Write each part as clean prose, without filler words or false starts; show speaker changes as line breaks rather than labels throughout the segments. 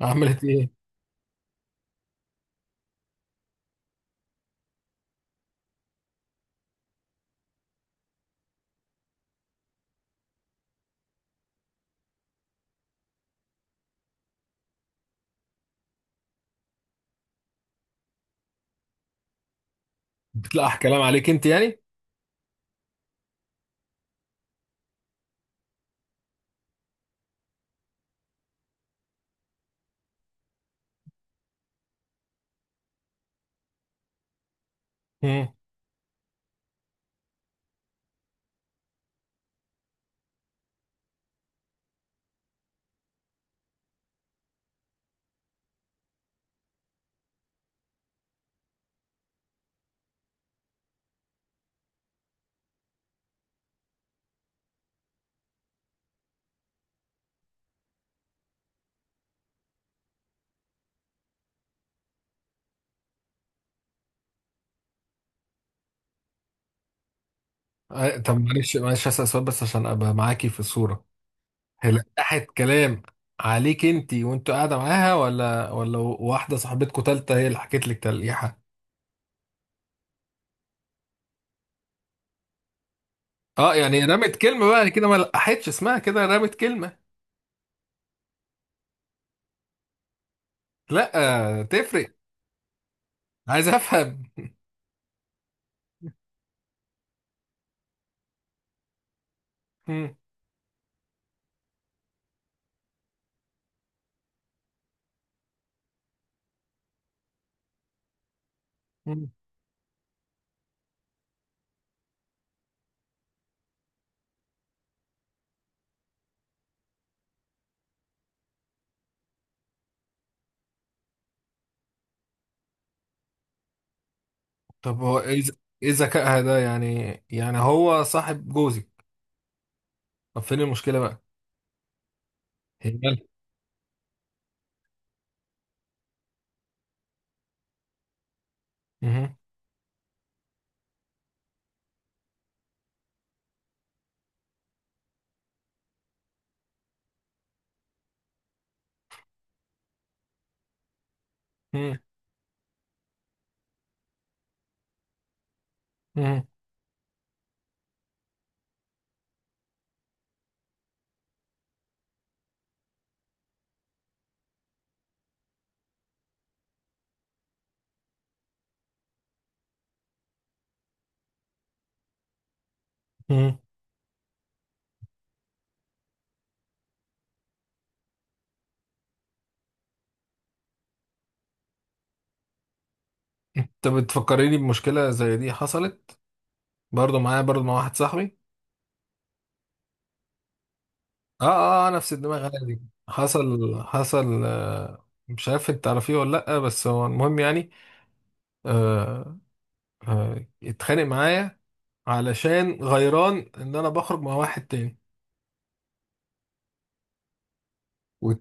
عملت ايه؟ بتلقح كلام عليك انت يعني؟ مم. طب، معلش هسأل سؤال بس عشان ابقى معاكي في الصورة. هي لقحت كلام عليك انت وانت قاعدة معاها، ولا واحدة صاحبتكوا تالتة هي اللي حكت لك تلقيحة؟ اه يعني رمت كلمة بقى كده، ما لقحتش اسمها كده، رمت كلمة. لا تفرق. عايز افهم. مم. مم. طب هو ايه ايه ذكائها ده يعني؟ يعني هو صاحب جوزي. طب فين المشكلة بقى؟ هي مالها؟ مهم. مهم. مهم. انت بتفكريني بمشكلة زي دي حصلت برضو معايا، برضو مع واحد صاحبي. اه، اه، نفس الدماغ انا دي. حصل آه، مش عارف انت تعرفيه ولا لأ، بس هو المهم يعني. آه. اتخانق معايا علشان غيران ان انا بخرج مع واحد تاني. و-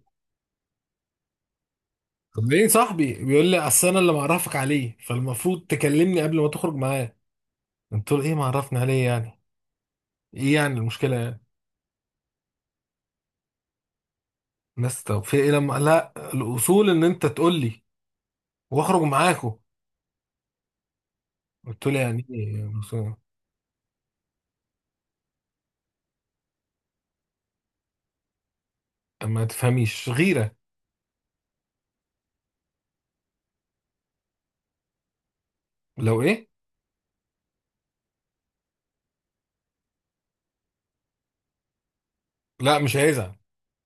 طب ليه؟ صاحبي بيقول لي: اصل انا اللي معرفك عليه، فالمفروض تكلمني قبل ما تخرج معاه. قلت له: ايه معرفني عليه يعني؟ ايه يعني المشكلة يعني؟ بس طب في ايه لما، لا الاصول ان انت تقول لي واخرج معاكم. قلت له يعني ايه ما تفهميش غيرة. لو ايه؟ لا مش هيزعل،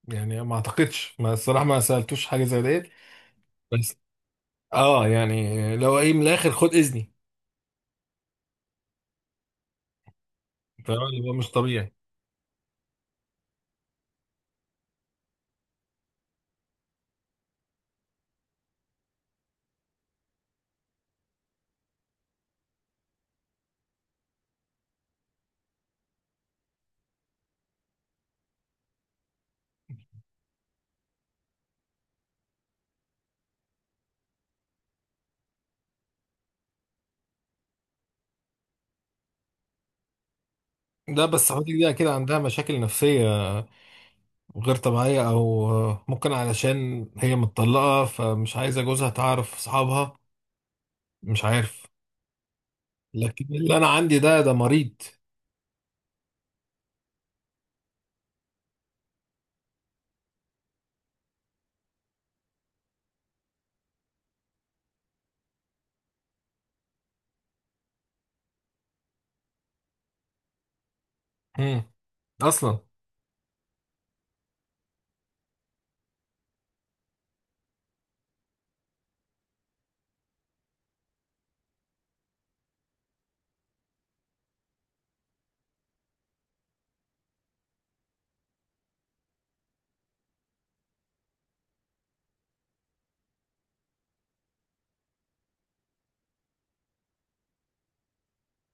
يعني ما اعتقدش، ما الصراحة ما سألتوش حاجة زي ديت. بس. اه يعني لو ايه، من الاخر خد اذني. فاهم، اللي هو مش طبيعي. لا بس حضرتك دي كده عندها مشاكل نفسية غير طبيعية، او ممكن علشان هي متطلقة فمش عايزة جوزها تعرف اصحابها، مش عارف. لكن اللي انا عندي ده مريض. مم. اصلا.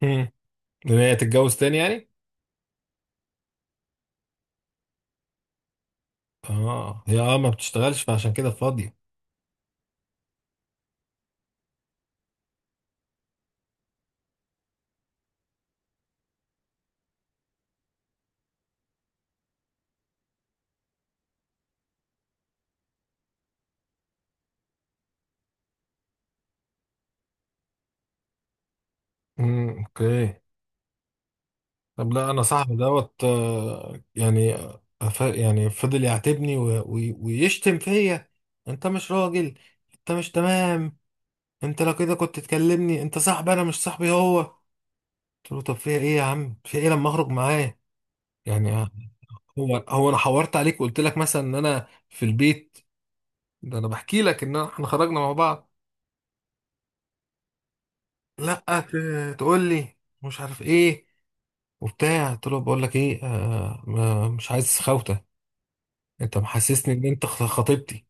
مم. ان هي تتجوز تاني يعني؟ اه هي، ما بتشتغلش فعشان كده فاضية. اوكي. طب لا انا صاحبي دوت، يعني يعني فضل يعاتبني، ويشتم فيا: انت مش راجل، انت مش تمام، انت لو كده كنت تكلمني، انت صاحبي، انا مش صاحبي هو. قلت له: طب فيها ايه يا عم؟ في ايه لما اخرج معاه يعني هو انا حورت عليك وقلت لك مثلا ان انا في البيت؟ ده انا بحكي لك ان احنا خرجنا مع بعض. لا تقول لي مش عارف ايه وبتاع. قلت له: بقول لك ايه، آه، مش عايز خوته، انت محسسني ان انت خطيبتي.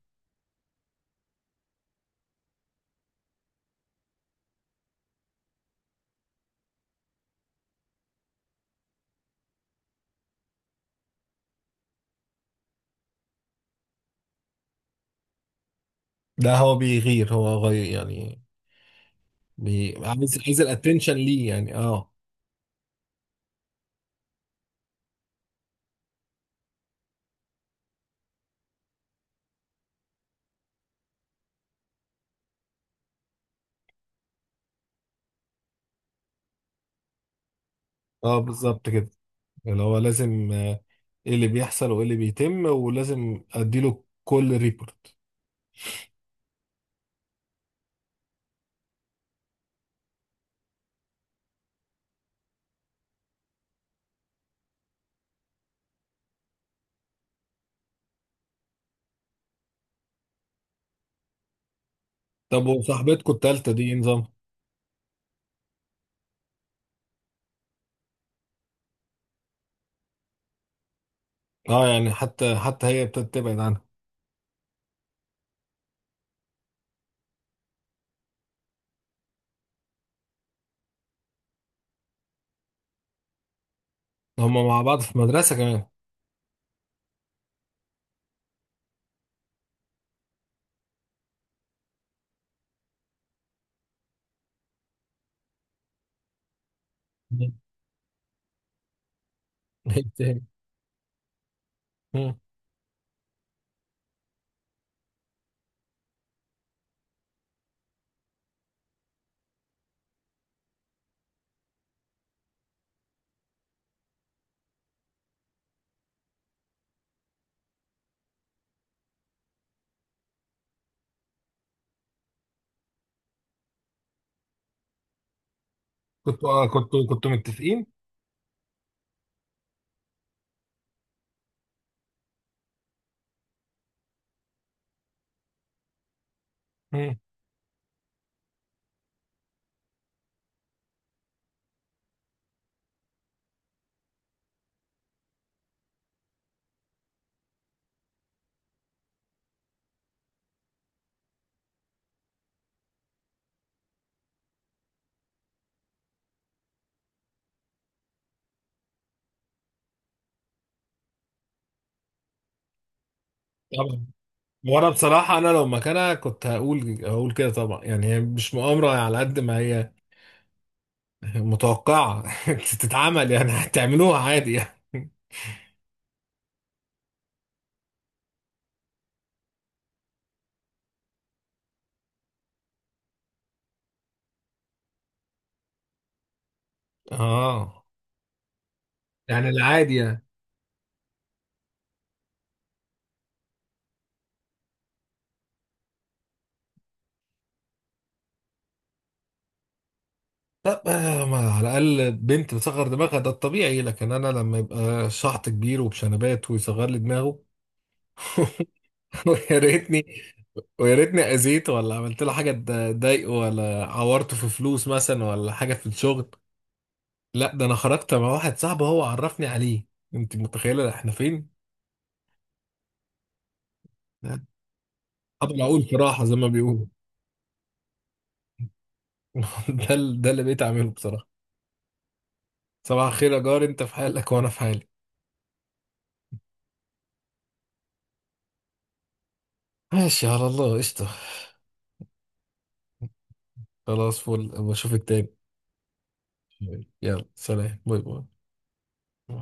ده هو بيغير، هو غير يعني. عايز الاتنشن ليه يعني؟ اه. اه بالظبط كده، اللي هو لازم ايه اللي بيحصل وايه اللي بيتم، ولازم اديله كل ريبورت. طب وصاحبتكم التالتة دي ايه نظام؟ اه يعني حتى هي ابتدت تبعد عنها. هما مع بعض في مدرسة كمان؟ مم. مم. كنتوا كنتوا متفقين؟ مم. طبعا. وانا بصراحة انا لو مكانها كنت هقول كده طبعا، يعني هي مش مؤامرة على قد ما هي متوقعة تتعمل، يعني هتعملوها عادي يعني. اه يعني العادي يعني. طب ما على الاقل بنت بتصغر دماغها، ده الطبيعي، لكن انا لما يبقى شحط كبير وبشنبات ويصغر لي دماغه! ويا ريتني، ويا ريتني اذيته ولا عملت له حاجة تضايقه، ولا عورته في فلوس مثلا ولا حاجة في الشغل. لا، ده انا خرجت مع واحد صاحبي هو عرفني عليه. انت متخيله احنا فين؟ ابو العقول في راحه زي ما بيقولوا. ده اللي بقيت اعمله بصراحه. صباح الخير يا جار، انت في حالك وانا في حالي. ماشي على الله، قشطه. خلاص، فل، بشوفك تاني. يلا سلام، باي. باي.